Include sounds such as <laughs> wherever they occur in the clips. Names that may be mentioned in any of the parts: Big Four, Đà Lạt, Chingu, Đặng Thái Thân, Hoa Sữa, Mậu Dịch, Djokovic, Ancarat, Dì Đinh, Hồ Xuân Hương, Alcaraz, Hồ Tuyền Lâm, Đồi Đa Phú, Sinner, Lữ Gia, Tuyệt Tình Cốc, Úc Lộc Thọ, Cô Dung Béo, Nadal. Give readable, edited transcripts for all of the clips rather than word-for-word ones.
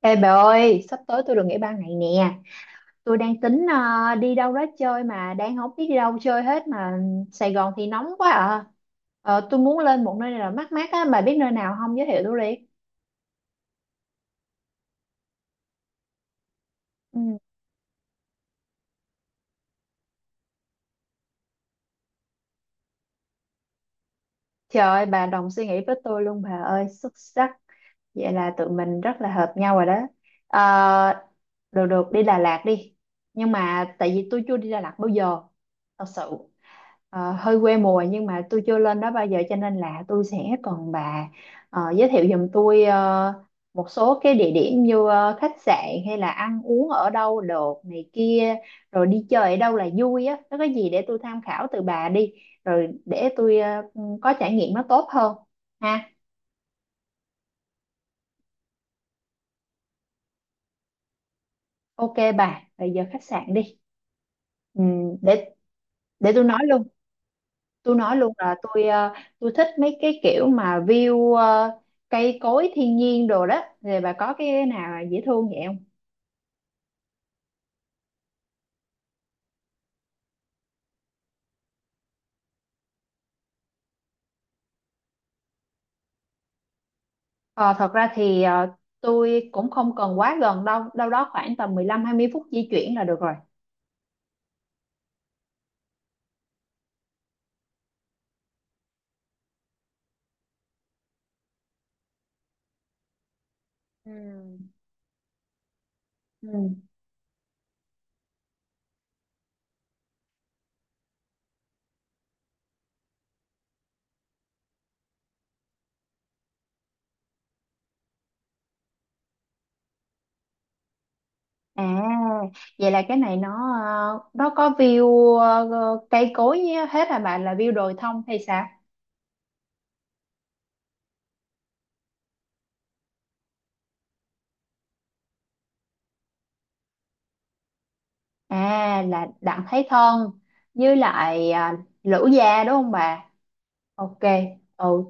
Ê bà ơi, sắp tới tôi được nghỉ ba ngày nè. Tôi đang tính đi đâu đó chơi mà đang không biết đi đâu chơi hết mà Sài Gòn thì nóng quá à. Tôi muốn lên một nơi nào mát mát á, bà biết nơi nào không giới thiệu tôi đi. Ừ. Trời ơi, bà đồng suy nghĩ với tôi luôn bà ơi, xuất sắc. Vậy là tụi mình rất là hợp nhau rồi đó. Ờ, Được được, đi Đà Lạt đi. Nhưng mà tại vì tôi chưa đi Đà Lạt bao giờ, thật sự. Hơi quê mùa nhưng mà tôi chưa lên đó bao giờ cho nên là tôi sẽ cần bà giới thiệu giùm tôi một số cái địa điểm như khách sạn hay là ăn uống ở đâu được này kia, rồi đi chơi ở đâu là vui á, nó có gì để tôi tham khảo từ bà đi, rồi để tôi có trải nghiệm nó tốt hơn ha. Ok bà, rồi giờ khách sạn đi. Ừ, để để tôi nói luôn. Tôi nói luôn là tôi thích mấy cái kiểu mà view cây cối thiên nhiên đồ đó, thì bà có cái nào dễ thương vậy không? Ờ, Thật ra thì tôi cũng không cần quá gần, đâu đâu đó khoảng tầm 15 20 phút di chuyển là được rồi. Ừ. Ừ. À, vậy là cái này nó, nó có view cây cối nhé. Hết hả bạn, là view đồi thông hay sao? À là Đặng Thái Thân với lại Lữ Gia đúng không bà? Ok. Ừ,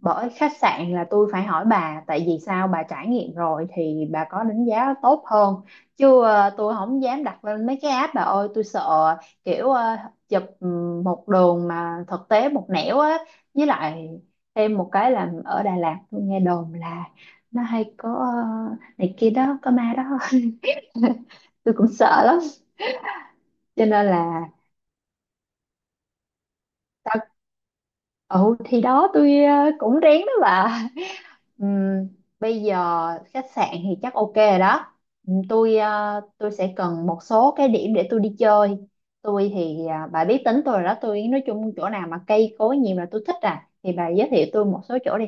bởi khách sạn là tôi phải hỏi bà, tại vì sao bà trải nghiệm rồi thì bà có đánh giá tốt hơn, chứ tôi không dám đặt lên mấy cái app bà ơi, tôi sợ kiểu chụp một đường mà thực tế một nẻo á. Với lại thêm một cái là ở Đà Lạt tôi nghe đồn là nó hay có này kia đó, có ma đó <laughs> tôi cũng sợ lắm, cho nên là tao. Ừ thì đó, tôi cũng rén đó bà. Ừm, Bây giờ khách sạn thì chắc ok rồi đó. Tôi tôi sẽ cần một số cái điểm để tôi đi chơi. Tôi thì à, bà biết tính tôi rồi đó. Tôi nói chung chỗ nào mà cây cối nhiều là tôi thích à. Thì bà giới thiệu tôi một số chỗ đi.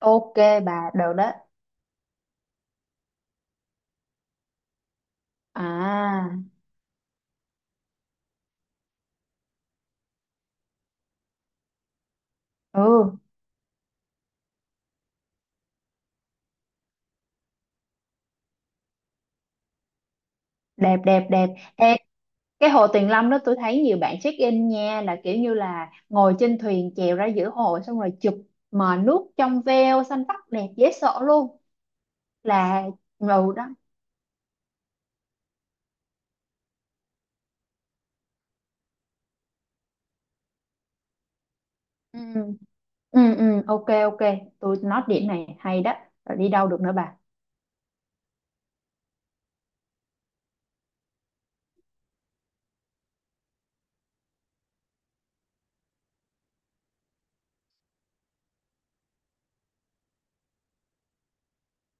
Ok bà, được đó. À, ừ, đẹp đẹp đẹp. Ê, cái hồ Tuyền Lâm đó tôi thấy nhiều bạn check in nha, là kiểu như là ngồi trên thuyền chèo ra giữa hồ xong rồi chụp, mà nước trong veo xanh vắt đẹp dễ sợ luôn. Là ngầu đó. Ừ. Ừ, ừ, ok, ok, tôi nói điểm này hay đó. Rồi đi đâu được nữa bà?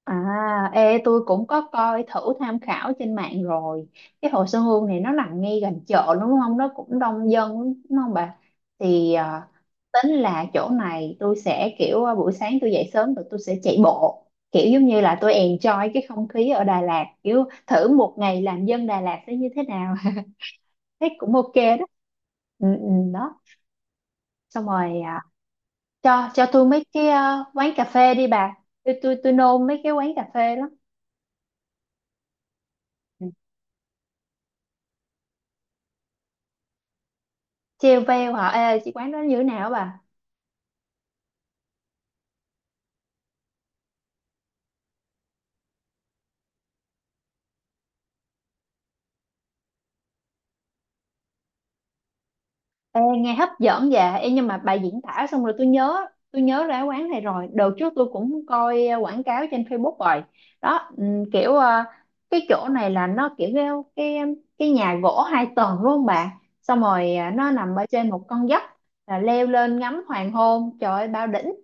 À ê, tôi cũng có coi thử tham khảo trên mạng rồi, cái Hồ Xuân Hương này nó nằm ngay gần chợ đúng không, nó cũng đông dân lắm, đúng không bà? Thì tính là chỗ này tôi sẽ kiểu buổi sáng tôi dậy sớm rồi tôi sẽ chạy bộ, kiểu giống như là tôi enjoy cái không khí ở Đà Lạt, kiểu thử một ngày làm dân Đà Lạt sẽ như thế nào <laughs> thấy cũng ok đó. Ừ, ừ, đó. Xong rồi cho tôi mấy cái quán cà phê đi bà. Tôi nôn mấy cái quán cà phê lắm. Ừ. Treo veo hả? Ê chị, quán đó như thế nào á bà? Ê, nghe hấp dẫn dạ. Ê nhưng mà bà diễn tả xong rồi tôi nhớ ra quán này rồi. Đợt trước tôi cũng coi quảng cáo trên Facebook rồi đó. Kiểu cái chỗ này là nó kiểu cái cái nhà gỗ hai tầng đúng không bà? Xong rồi nó nằm ở trên một con dốc, là leo lên ngắm hoàng hôn trời ơi bao đỉnh.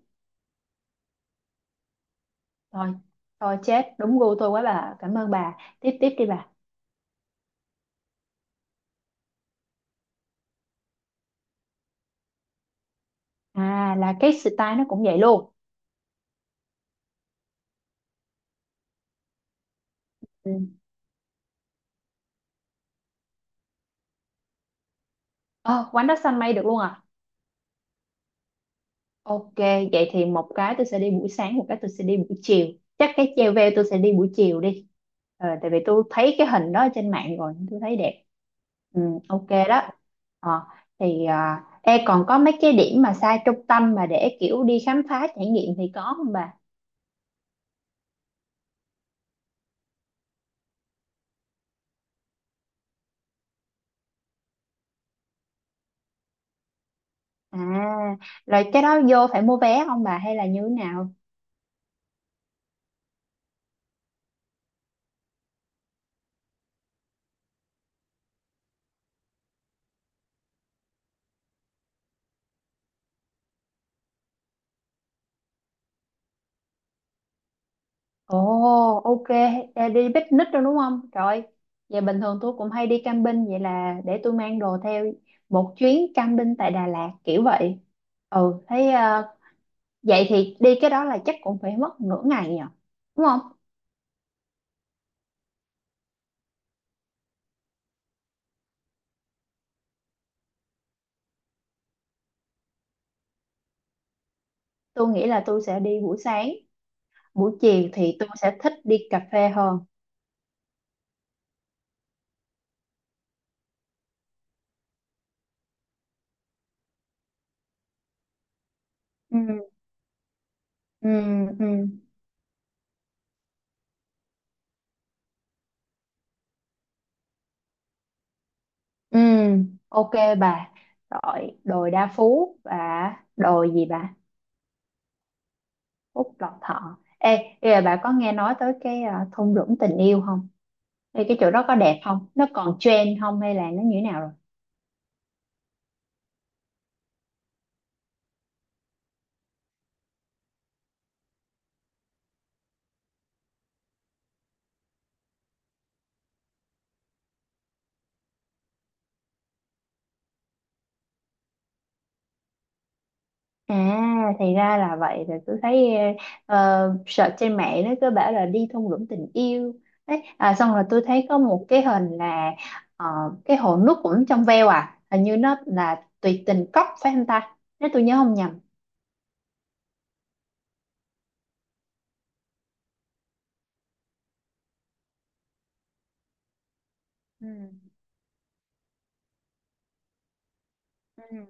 Thôi, thôi chết, đúng gu tôi quá bà. Cảm ơn bà. Tiếp tiếp đi bà. À là cái style nó cũng vậy luôn. Ừ. Ờ, Quán đó xanh mây được luôn à? Ok, vậy thì một cái tôi sẽ đi buổi sáng, một cái tôi sẽ đi buổi chiều. Chắc cái treo veo tôi sẽ đi buổi chiều đi. Tại vì tôi thấy cái hình đó ở trên mạng rồi, tôi thấy đẹp. Ừ, ok đó. Ờ, thì e còn có mấy cái điểm mà xa trung tâm mà để kiểu đi khám phá trải nghiệm thì có không bà? À, rồi cái đó vô phải mua vé không bà, hay là như thế nào? Ồ, ok. Ê, đi picnic rồi đúng không? Trời, vậy bình thường tôi cũng hay đi camping, vậy là để tôi mang đồ theo một chuyến camping tại Đà Lạt kiểu vậy. Ừ, thấy vậy thì đi cái đó là chắc cũng phải mất nửa ngày nhỉ, đúng không? Tôi nghĩ là tôi sẽ đi buổi sáng, buổi chiều thì tôi sẽ thích đi cà phê hơn. Ừ, ừ, ừ, ừ, ok bà. Rồi, đồi Đa Phú và đồi gì bà? Úc Lộc Thọ. Ê bây giờ bà có nghe nói tới cái thung lũng tình yêu không? Ê, cái chỗ đó có đẹp không, nó còn trend không hay là nó như thế nào rồi? À, thì ra là vậy. Rồi tôi thấy search trên mạng nó cứ bảo là đi thung lũng tình yêu đấy à. Xong rồi tôi thấy có một cái hình là ờ, cái hồ nước cũng trong veo, à hình như nó là tuyệt tình cốc phải không ta, nếu tôi nhớ không nhầm. Ừ. Ừ.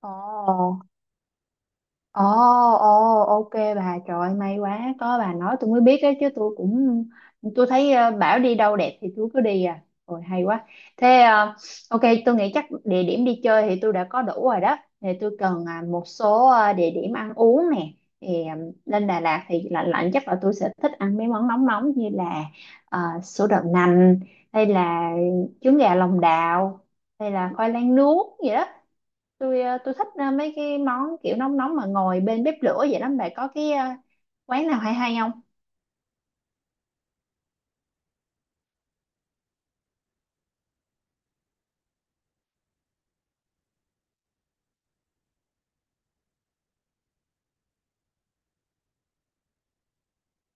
Ồ. Ồ, ồ, ok bà. Trời ơi, may quá, có bà nói tôi mới biết, đấy chứ tôi cũng, tôi thấy bảo đi đâu đẹp thì tôi cứ đi à, rồi hay quá. Thế ok, tôi nghĩ chắc địa điểm đi chơi thì tôi đã có đủ rồi đó, thì tôi cần một số địa điểm ăn uống nè. Thì lên Đà Lạt thì lạnh lạnh chắc là tôi sẽ thích ăn mấy món nóng nóng như là sữa đậu nành, hay là trứng gà lòng đào, hay là khoai lang nướng vậy đó. Tôi tôi thích mấy cái món kiểu nóng nóng mà ngồi bên bếp lửa vậy lắm, bà có cái quán nào hay hay không?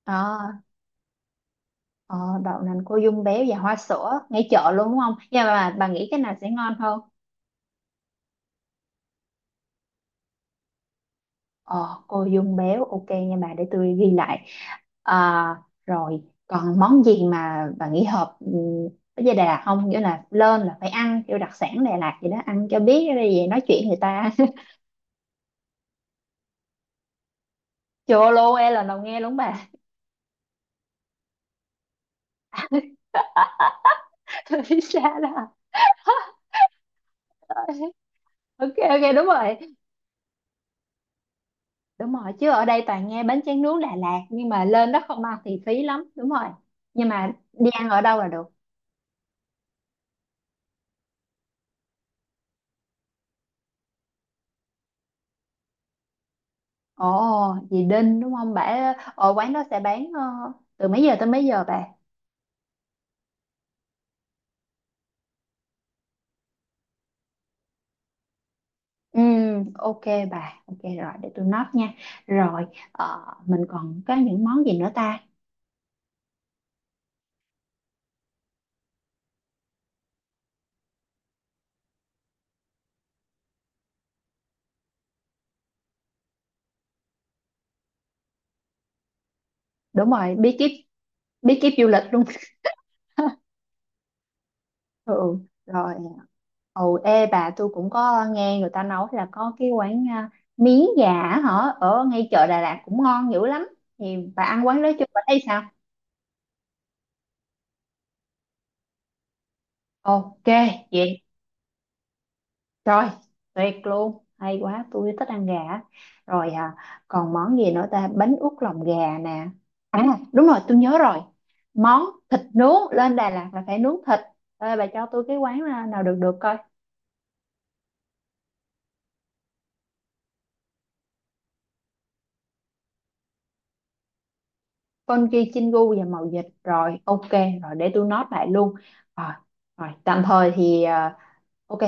ờ ờ, Đậu nành cô dung béo và hoa sữa ngay chợ luôn đúng không, nhưng mà bà nghĩ cái nào sẽ ngon hơn? Ờ cô dung béo, ok nha bà, để tôi ghi lại. à, Rồi còn món gì mà bà nghĩ hợp với Đà Lạt không, nghĩa là lên là phải ăn kiểu đặc sản Đà Lạt gì đó, ăn cho biết cái gì nói chuyện người ta <laughs> chô lô e là đầu nghe luôn bà <laughs> Tôi biết xa đó <laughs> ok ok, đúng rồi. Đúng rồi, chứ ở đây toàn nghe bánh tráng nướng Đà Lạt nhưng mà lên đó không ăn thì phí lắm, đúng rồi. Nhưng mà đi ăn ở đâu là được? Ồ, dì Đinh đúng không bà? Ở quán đó sẽ bán từ mấy giờ tới mấy giờ bà? Ừ, ok bà, ok rồi để tôi note nha. Rồi mình còn có những món gì nữa ta? Đúng rồi, bí kíp, bí kíp du lịch luôn <laughs> ừ. Rồi. Ồ, ê bà, tôi cũng có nghe người ta nói là có cái quán miến gà á hả ở ngay chợ Đà Lạt cũng ngon dữ lắm. Thì bà ăn quán đó chưa, bà thấy sao? Ok vậy. Rồi tuyệt luôn, hay quá, tôi thích ăn gà á. Rồi còn món gì nữa ta? Bánh út lòng gà nè. À, đúng rồi tôi nhớ rồi. Món thịt nướng, lên Đà Lạt là phải nướng thịt. Ê, bà cho tôi cái quán nào được được coi. Con ghi Chingu và mậu dịch. Rồi ok, rồi để tôi note lại luôn. Rồi, rồi tạm thời thì ok,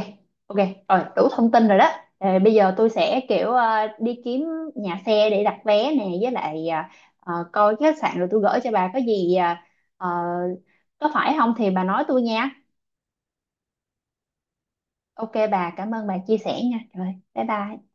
ok rồi đủ thông tin rồi đó. Bây giờ tôi sẽ kiểu đi kiếm nhà xe để đặt vé nè, với lại coi cái khách sạn rồi tôi gửi cho bà, có gì ờ, có phải không thì bà nói tôi nha. Ok bà, cảm ơn bà chia sẻ nha. Rồi bye bye.